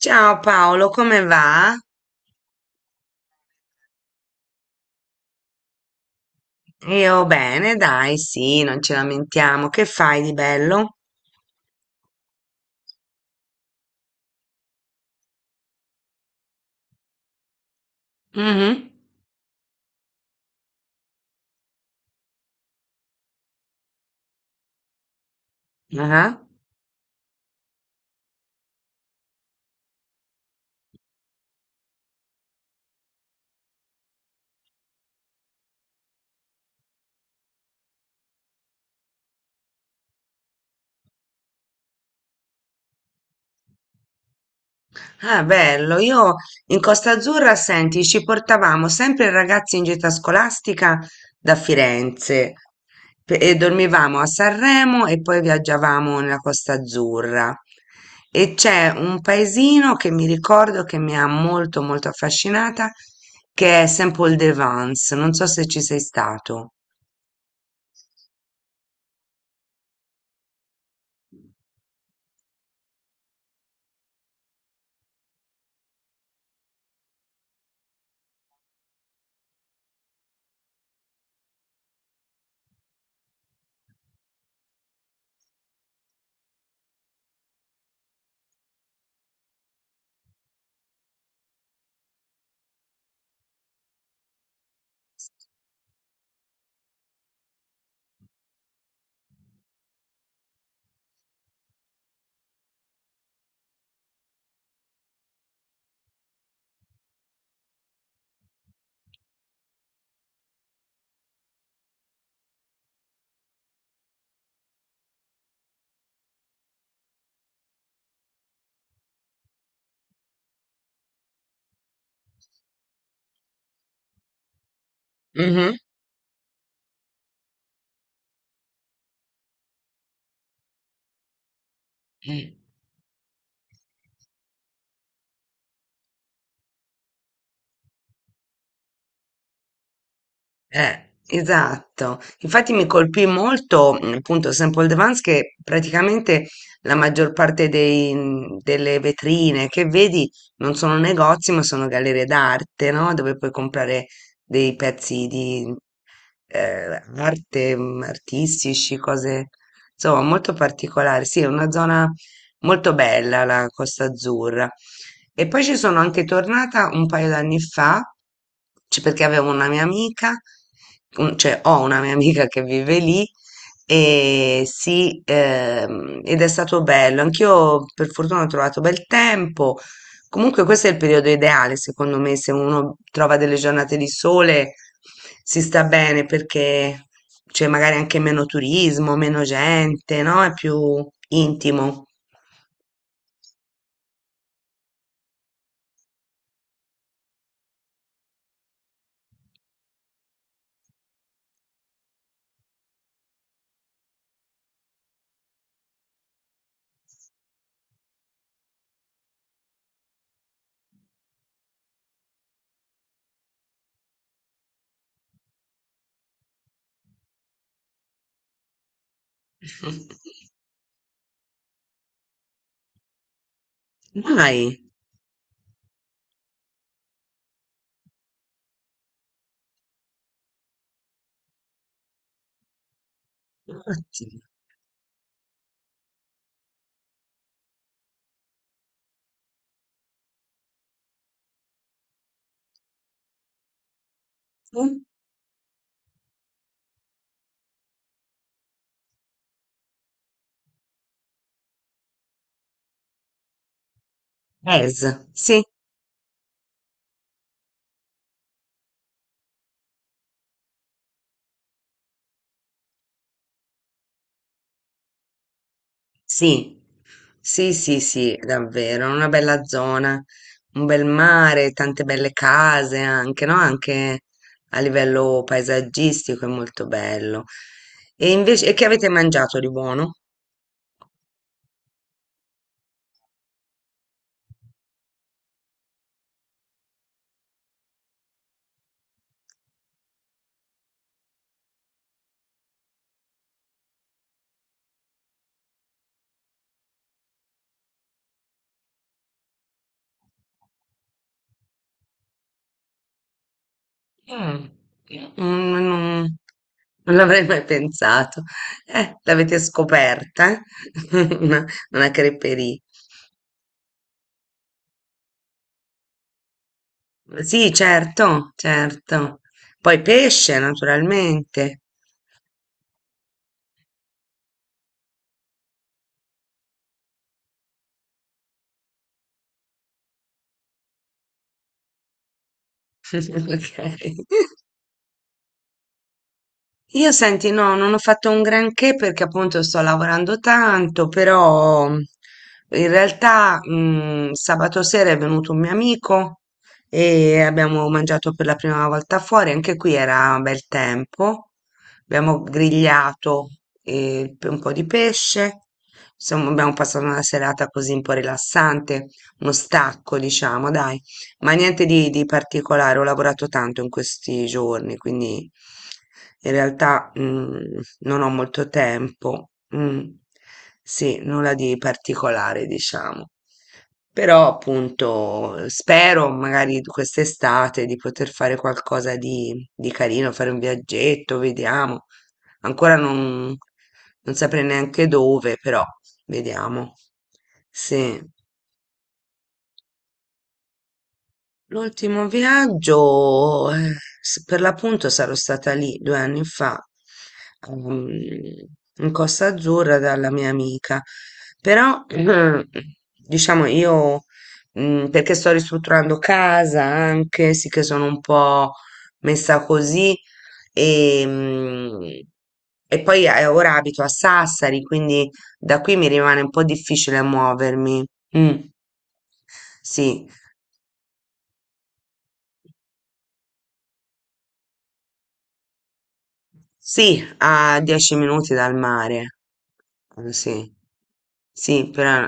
Ciao Paolo, come va? Io bene, dai, sì, non ci lamentiamo. Che fai di bello? Mhm. Ah, ah, bello. Io in Costa Azzurra, senti, ci portavamo sempre i ragazzi in gita scolastica da Firenze e dormivamo a Sanremo e poi viaggiavamo nella Costa Azzurra. E c'è un paesino che mi ricordo che mi ha molto molto affascinata, che è Saint-Paul-de-Vence. Non so se ci sei stato. Mhm. Esatto, infatti mi colpì molto appunto Sample Devance, che praticamente la maggior parte delle vetrine che vedi non sono negozi ma sono gallerie d'arte, no? Dove puoi comprare dei pezzi di arte, artistici, cose insomma molto particolari. Sì, è una zona molto bella, la Costa Azzurra. E poi ci sono anche tornata un paio d'anni fa, perché avevo una mia amica, cioè ho una mia amica che vive lì e sì, ed è stato bello. Anch'io per fortuna ho trovato bel tempo. Comunque questo è il periodo ideale, secondo me, se uno trova delle giornate di sole si sta bene, perché c'è magari anche meno turismo, meno gente, no? È più intimo. Mai, infatti, sì, Es, sì, sì, sì, sì, sì, davvero, una bella zona, un bel mare, tante belle case anche, no? Anche a livello paesaggistico è molto bello. E invece, e che avete mangiato di buono? Mm, mm, non l'avrei mai pensato. L'avete scoperta, eh? Una creperie. Sì, certo, certo. Poi pesce, naturalmente. Ok. Io senti, no, non ho fatto un granché perché appunto sto lavorando tanto, però in realtà sabato sera è venuto un mio amico e abbiamo mangiato per la prima volta fuori, anche qui era bel tempo, abbiamo grigliato un po' di pesce, insomma abbiamo passato una serata così un po' rilassante, uno stacco diciamo, dai. Ma niente di particolare, ho lavorato tanto in questi giorni, quindi in realtà non ho molto tempo. Mm, sì, nulla di particolare, diciamo. Però appunto spero magari quest'estate di poter fare qualcosa di carino, fare un viaggetto, vediamo. Ancora non saprei neanche dove, però vediamo. Sì. L'ultimo viaggio, per l'appunto sarò stata lì 2 anni fa, ehm, in Costa Azzurra dalla mia amica, però diciamo io, perché sto ristrutturando casa anche, sì che sono un po' messa così e, mm, e poi ora abito a Sassari, quindi da qui mi rimane un po' difficile muovermi. Mm. Sì, sì, a 10 minuti dal mare. Sì, sì, però.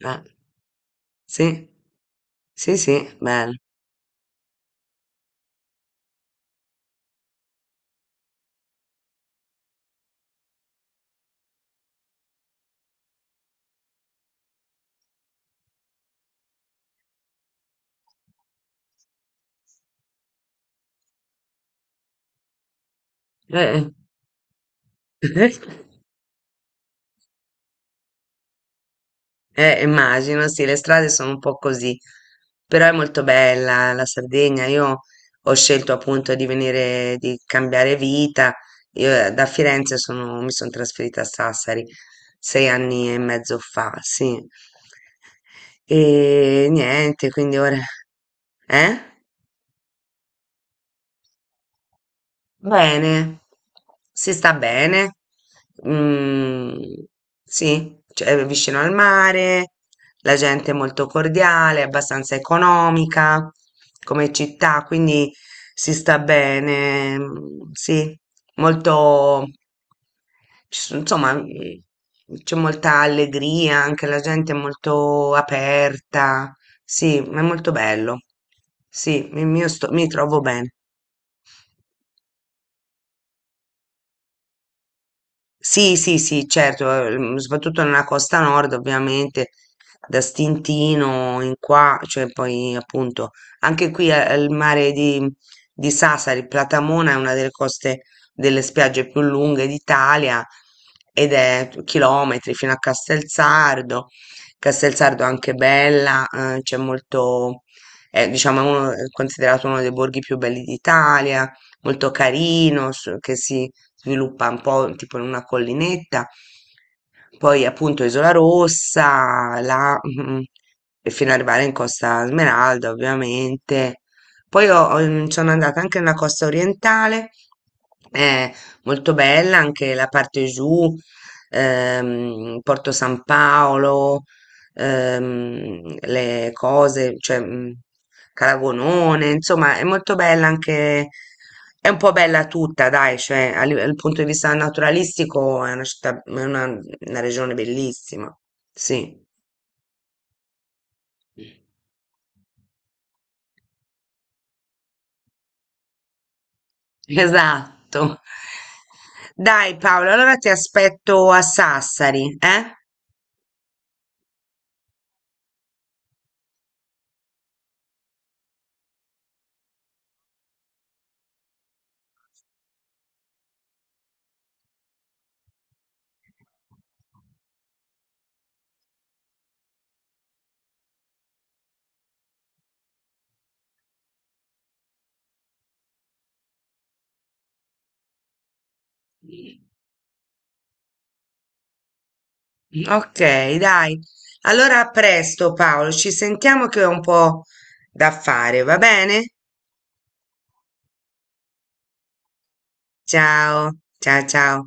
Eh, sì, sì, sì, bello. Eh, immagino, sì, le strade sono un po' così, però è molto bella la Sardegna. Io ho scelto appunto di venire, di cambiare vita. Io da Firenze sono, mi sono trasferita a Sassari 6 anni e mezzo fa, sì. E niente, quindi ora. Eh? Bene, si sta bene, mm, sì, cioè, è vicino al mare, la gente è molto cordiale, abbastanza economica come città, quindi si sta bene, mm, sì, molto, insomma, c'è molta allegria, anche la gente è molto aperta, sì, ma è molto bello, sì, mi mi trovo bene. Sì, sì, sì, certo, soprattutto nella costa nord, ovviamente, da Stintino in qua, cioè poi appunto anche qui il mare di Sassari, Platamona è una delle coste delle spiagge più lunghe d'Italia, ed è chilometri fino a Castelsardo. Castelsardo è anche bella, c'è molto, è, diciamo, è considerato uno dei borghi più belli d'Italia, molto carino, che si sviluppa un po' tipo in una collinetta, poi appunto Isola Rossa, là, mhm, e fino ad arrivare in Costa Smeralda, ovviamente. Poi sono andata anche nella costa orientale, è molto bella anche la parte giù, Porto San Paolo, le cose, cioè Caragonone, insomma, è molto bella anche, è un po' bella tutta, dai, cioè dal punto di vista naturalistico è una città, è una regione bellissima, sì, esatto. Dai Paolo, allora ti aspetto a Sassari, eh? Ok, dai. Allora a presto Paolo, ci sentiamo che ho un po' da fare, va bene? Ciao, ciao, ciao.